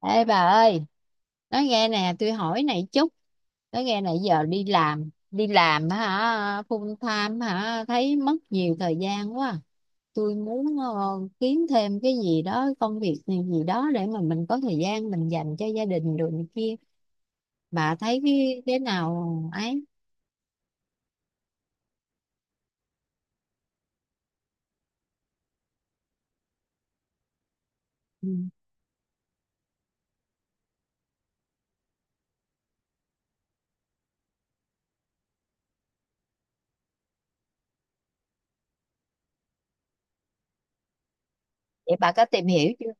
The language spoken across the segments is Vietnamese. Ê bà ơi, nói nghe nè, tôi hỏi này chút, nói nghe nãy giờ đi làm hả, full time hả, thấy mất nhiều thời gian quá. Tôi muốn kiếm thêm cái gì đó, công việc gì gì đó để mà mình có thời gian mình dành cho gia đình rồi này kia. Bà thấy cái nào ấy. Ừ. Vậy bà có tìm hiểu chưa?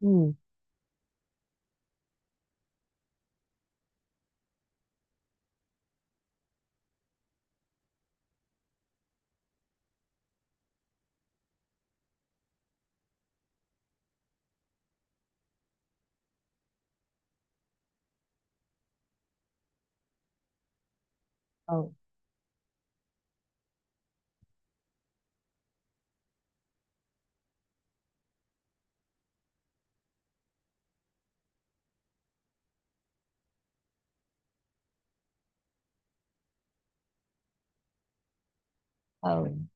Ừ, ừ, ừ.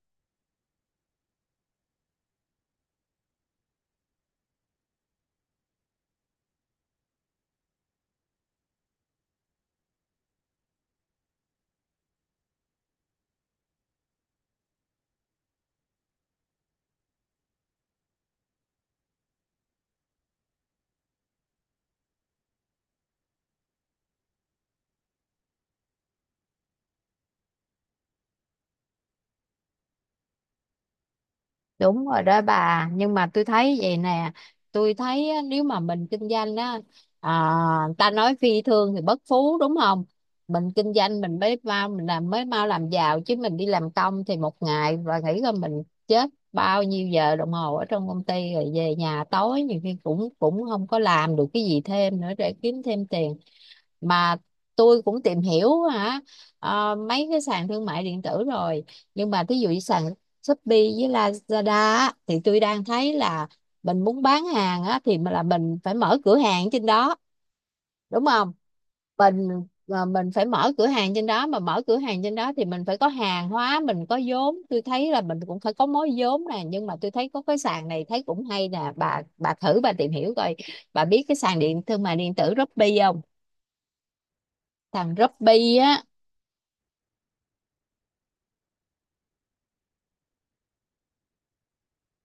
Đúng rồi đó bà, nhưng mà tôi thấy vậy nè, tôi thấy á, nếu mà mình kinh doanh á, à, ta nói phi thương thì bất phú đúng không? Mình kinh doanh mình mới mau, mình làm mới mau làm giàu, chứ mình đi làm công thì một ngày và nghĩ là mình chết bao nhiêu giờ đồng hồ ở trong công ty, rồi về nhà tối nhiều khi cũng cũng không có làm được cái gì thêm nữa để kiếm thêm tiền. Mà tôi cũng tìm hiểu hả, mấy cái sàn thương mại điện tử rồi, nhưng mà thí dụ như sàn Shopee với Lazada á, thì tôi đang thấy là mình muốn bán hàng á, thì là mình phải mở cửa hàng trên đó, đúng không? Mình mà mình phải mở cửa hàng trên đó, mà mở cửa hàng trên đó thì mình phải có hàng hóa, mình có vốn, tôi thấy là mình cũng phải có mối vốn nè. Nhưng mà tôi thấy có cái sàn này thấy cũng hay nè, bà thử bà tìm hiểu coi. Bà biết cái sàn điện thương mại điện tử Shopee không? Sàn Shopee á.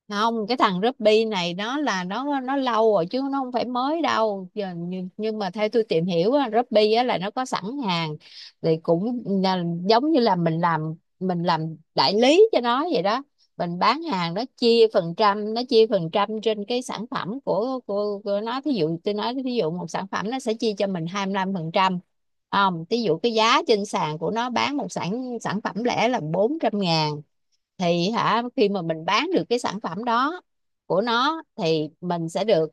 Không, cái thằng Ruby này nó là nó lâu rồi chứ nó không phải mới đâu giờ, nhưng mà theo tôi tìm hiểu á, Ruby á là nó có sẵn hàng. Thì cũng là, giống như là mình làm đại lý cho nó vậy đó. Mình bán hàng nó chia phần trăm, nó chia phần trăm trên cái sản phẩm của nó. Thí dụ tôi nói thí dụ một sản phẩm nó sẽ chia cho mình 25 phần trăm. Không, thí dụ cái giá trên sàn của nó bán một sản sản phẩm lẻ là 400 ngàn, thì hả khi mà mình bán được cái sản phẩm đó của nó thì mình sẽ được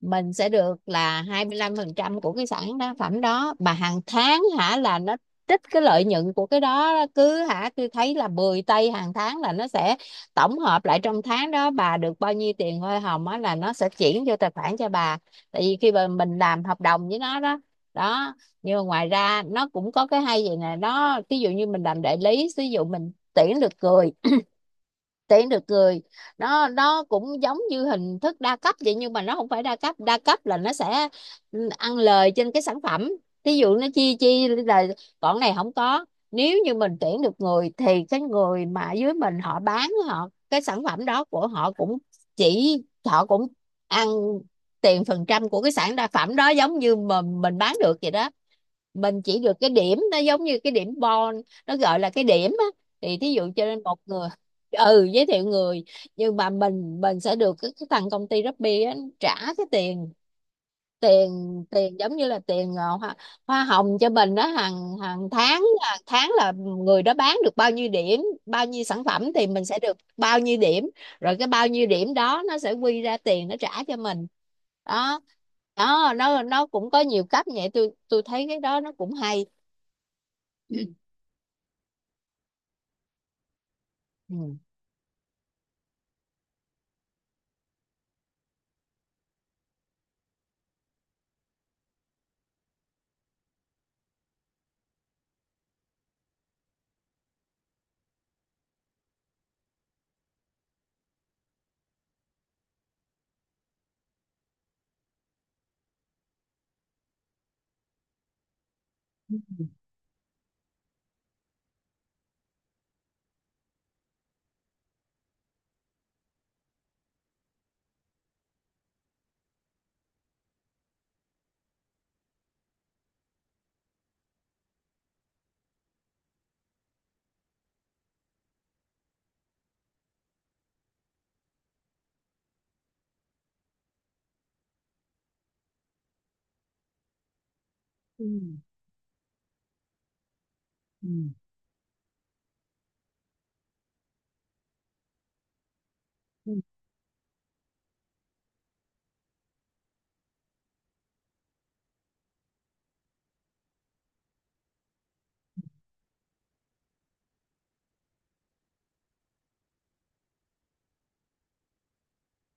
mình sẽ được là 25% của cái sản phẩm đó. Mà hàng tháng hả là nó trích cái lợi nhuận của cái đó, cứ hả tôi thấy là 10 tây hàng tháng là nó sẽ tổng hợp lại trong tháng đó bà được bao nhiêu tiền hoa hồng á, là nó sẽ chuyển vô tài khoản cho bà, tại vì khi mà mình làm hợp đồng với nó đó. Đó, nhưng mà ngoài ra nó cũng có cái hay vậy nè, nó ví dụ như mình làm đại lý, ví dụ mình tuyển được người, tiễn được người, nó cũng giống như hình thức đa cấp vậy, nhưng mà nó không phải đa cấp. Đa cấp là nó sẽ ăn lời trên cái sản phẩm, ví dụ nó chia chia là, còn này không có. Nếu như mình tuyển được người thì cái người mà dưới mình, họ bán họ cái sản phẩm đó của họ cũng chỉ, họ cũng ăn tiền phần trăm của cái sản đa phẩm đó giống như mà mình bán được vậy đó. Mình chỉ được cái điểm, nó giống như cái điểm bon, nó gọi là cái điểm á. Thì thí dụ cho nên một người giới thiệu người, nhưng mà mình sẽ được cái, thằng công ty Shopee á trả cái tiền tiền tiền giống như là tiền hoa hồng cho mình đó. Hàng hàng tháng hàng tháng là người đó bán được bao nhiêu điểm, bao nhiêu sản phẩm thì mình sẽ được bao nhiêu điểm. Rồi cái bao nhiêu điểm đó nó sẽ quy ra tiền, nó trả cho mình đó. Đó, nó cũng có nhiều cách vậy, tôi thấy cái đó nó cũng hay. Ừ.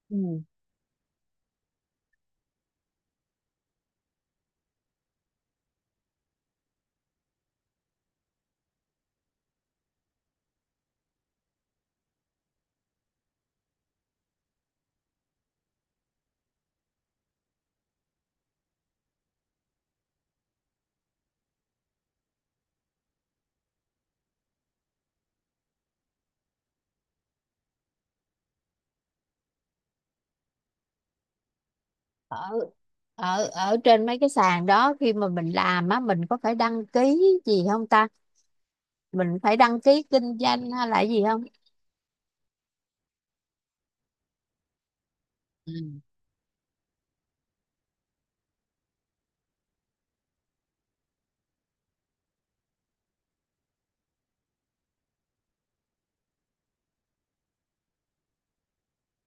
Ừ. ở ở ở trên mấy cái sàn đó khi mà mình làm á, mình có phải đăng ký gì không ta? Mình phải đăng ký kinh doanh hay là gì không? Ừ.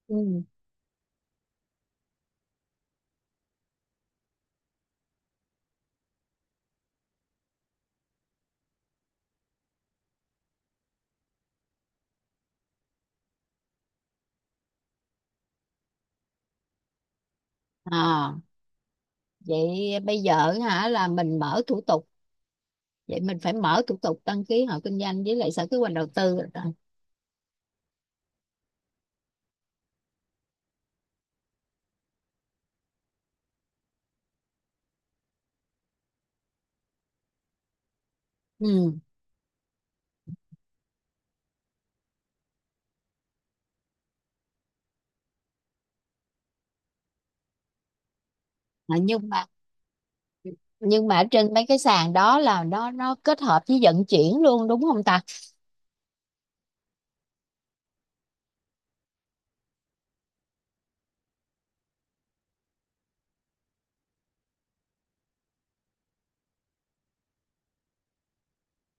Ừ. À, vậy bây giờ hả là mình mở thủ tục, vậy mình phải mở thủ tục đăng ký hộ kinh doanh với lại sở kế hoạch đầu tư rồi. Ừ. À, nhưng mà trên mấy cái sàn đó là nó kết hợp với vận chuyển luôn, đúng không ta?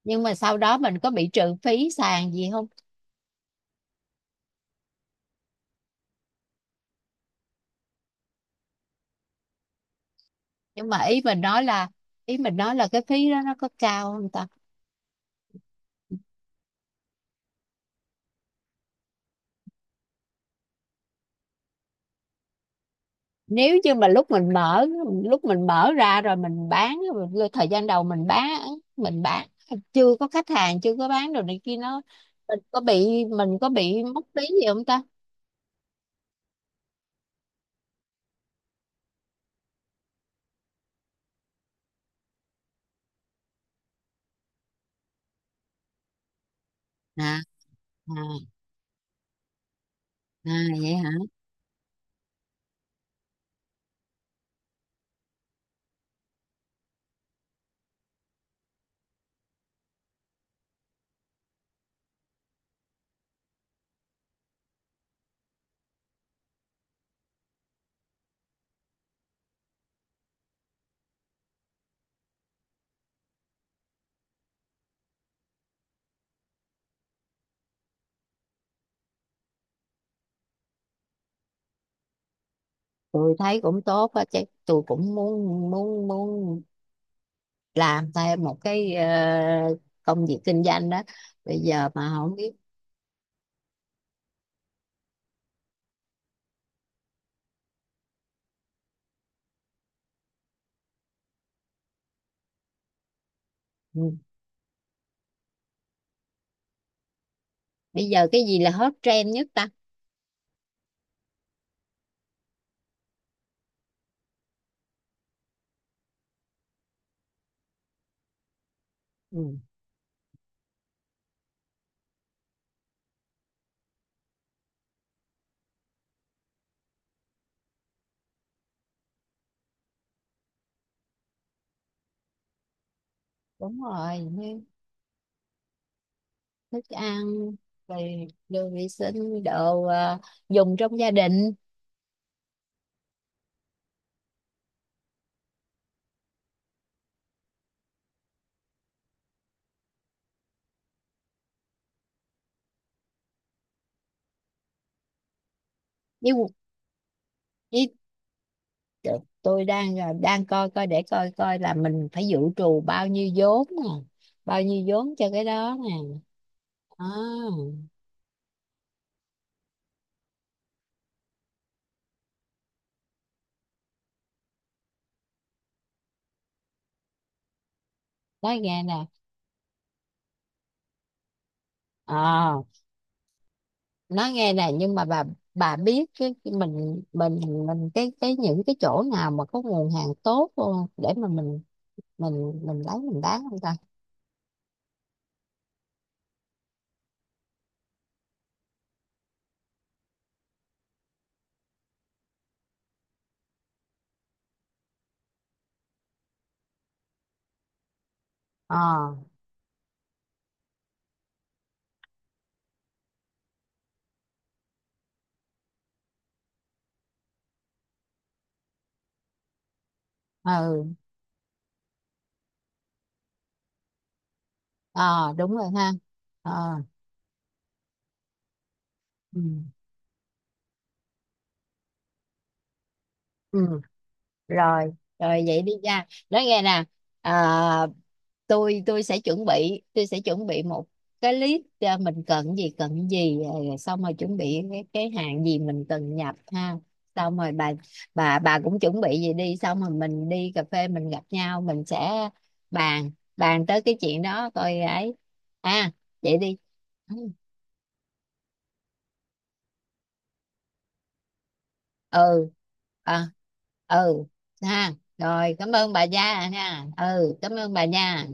Nhưng mà sau đó mình có bị trừ phí sàn gì không? Nhưng mà ý mình nói là cái phí đó nó có cao không ta? Nếu như mà lúc mình mở ra rồi mình bán, rồi thời gian đầu mình bán chưa có khách hàng, chưa có bán đồ này kia nó, mình có bị mất phí gì không ta? à à, À vậy hả? Tôi thấy cũng tốt á chứ, tôi cũng muốn muốn muốn làm thêm một cái công việc kinh doanh đó. Bây giờ mà không biết. Ừ. Bây giờ cái gì là hot trend nhất ta? Ừ. Đúng rồi, như thức ăn, rồi đồ vệ sinh, đồ dùng trong gia đình. với, với tôi đang coi coi để coi coi là mình phải dự trù bao nhiêu vốn nè, bao nhiêu vốn cho cái đó nè. à, nói nghe nè. Ờ, nhưng mà bà biết cái mình cái những cái chỗ nào mà có nguồn hàng tốt không, để mà mình lấy mình bán không ta? Ờ. Ừ. Ờ, đúng rồi ha. Ờ. Ừ. Ừ. rồi rồi vậy đi nha, nói nghe nè. à, tôi sẽ chuẩn bị một cái list, mình cần gì rồi, xong rồi chuẩn bị cái hàng gì mình cần nhập ha. Xong rồi bà cũng chuẩn bị gì đi, xong rồi mình đi cà phê, mình gặp nhau, mình sẽ bàn bàn tới cái chuyện đó coi ấy. À, vậy đi. Ừ. à, ừ ha. Rồi, cảm ơn bà gia nha. Ừ, cảm ơn bà nha.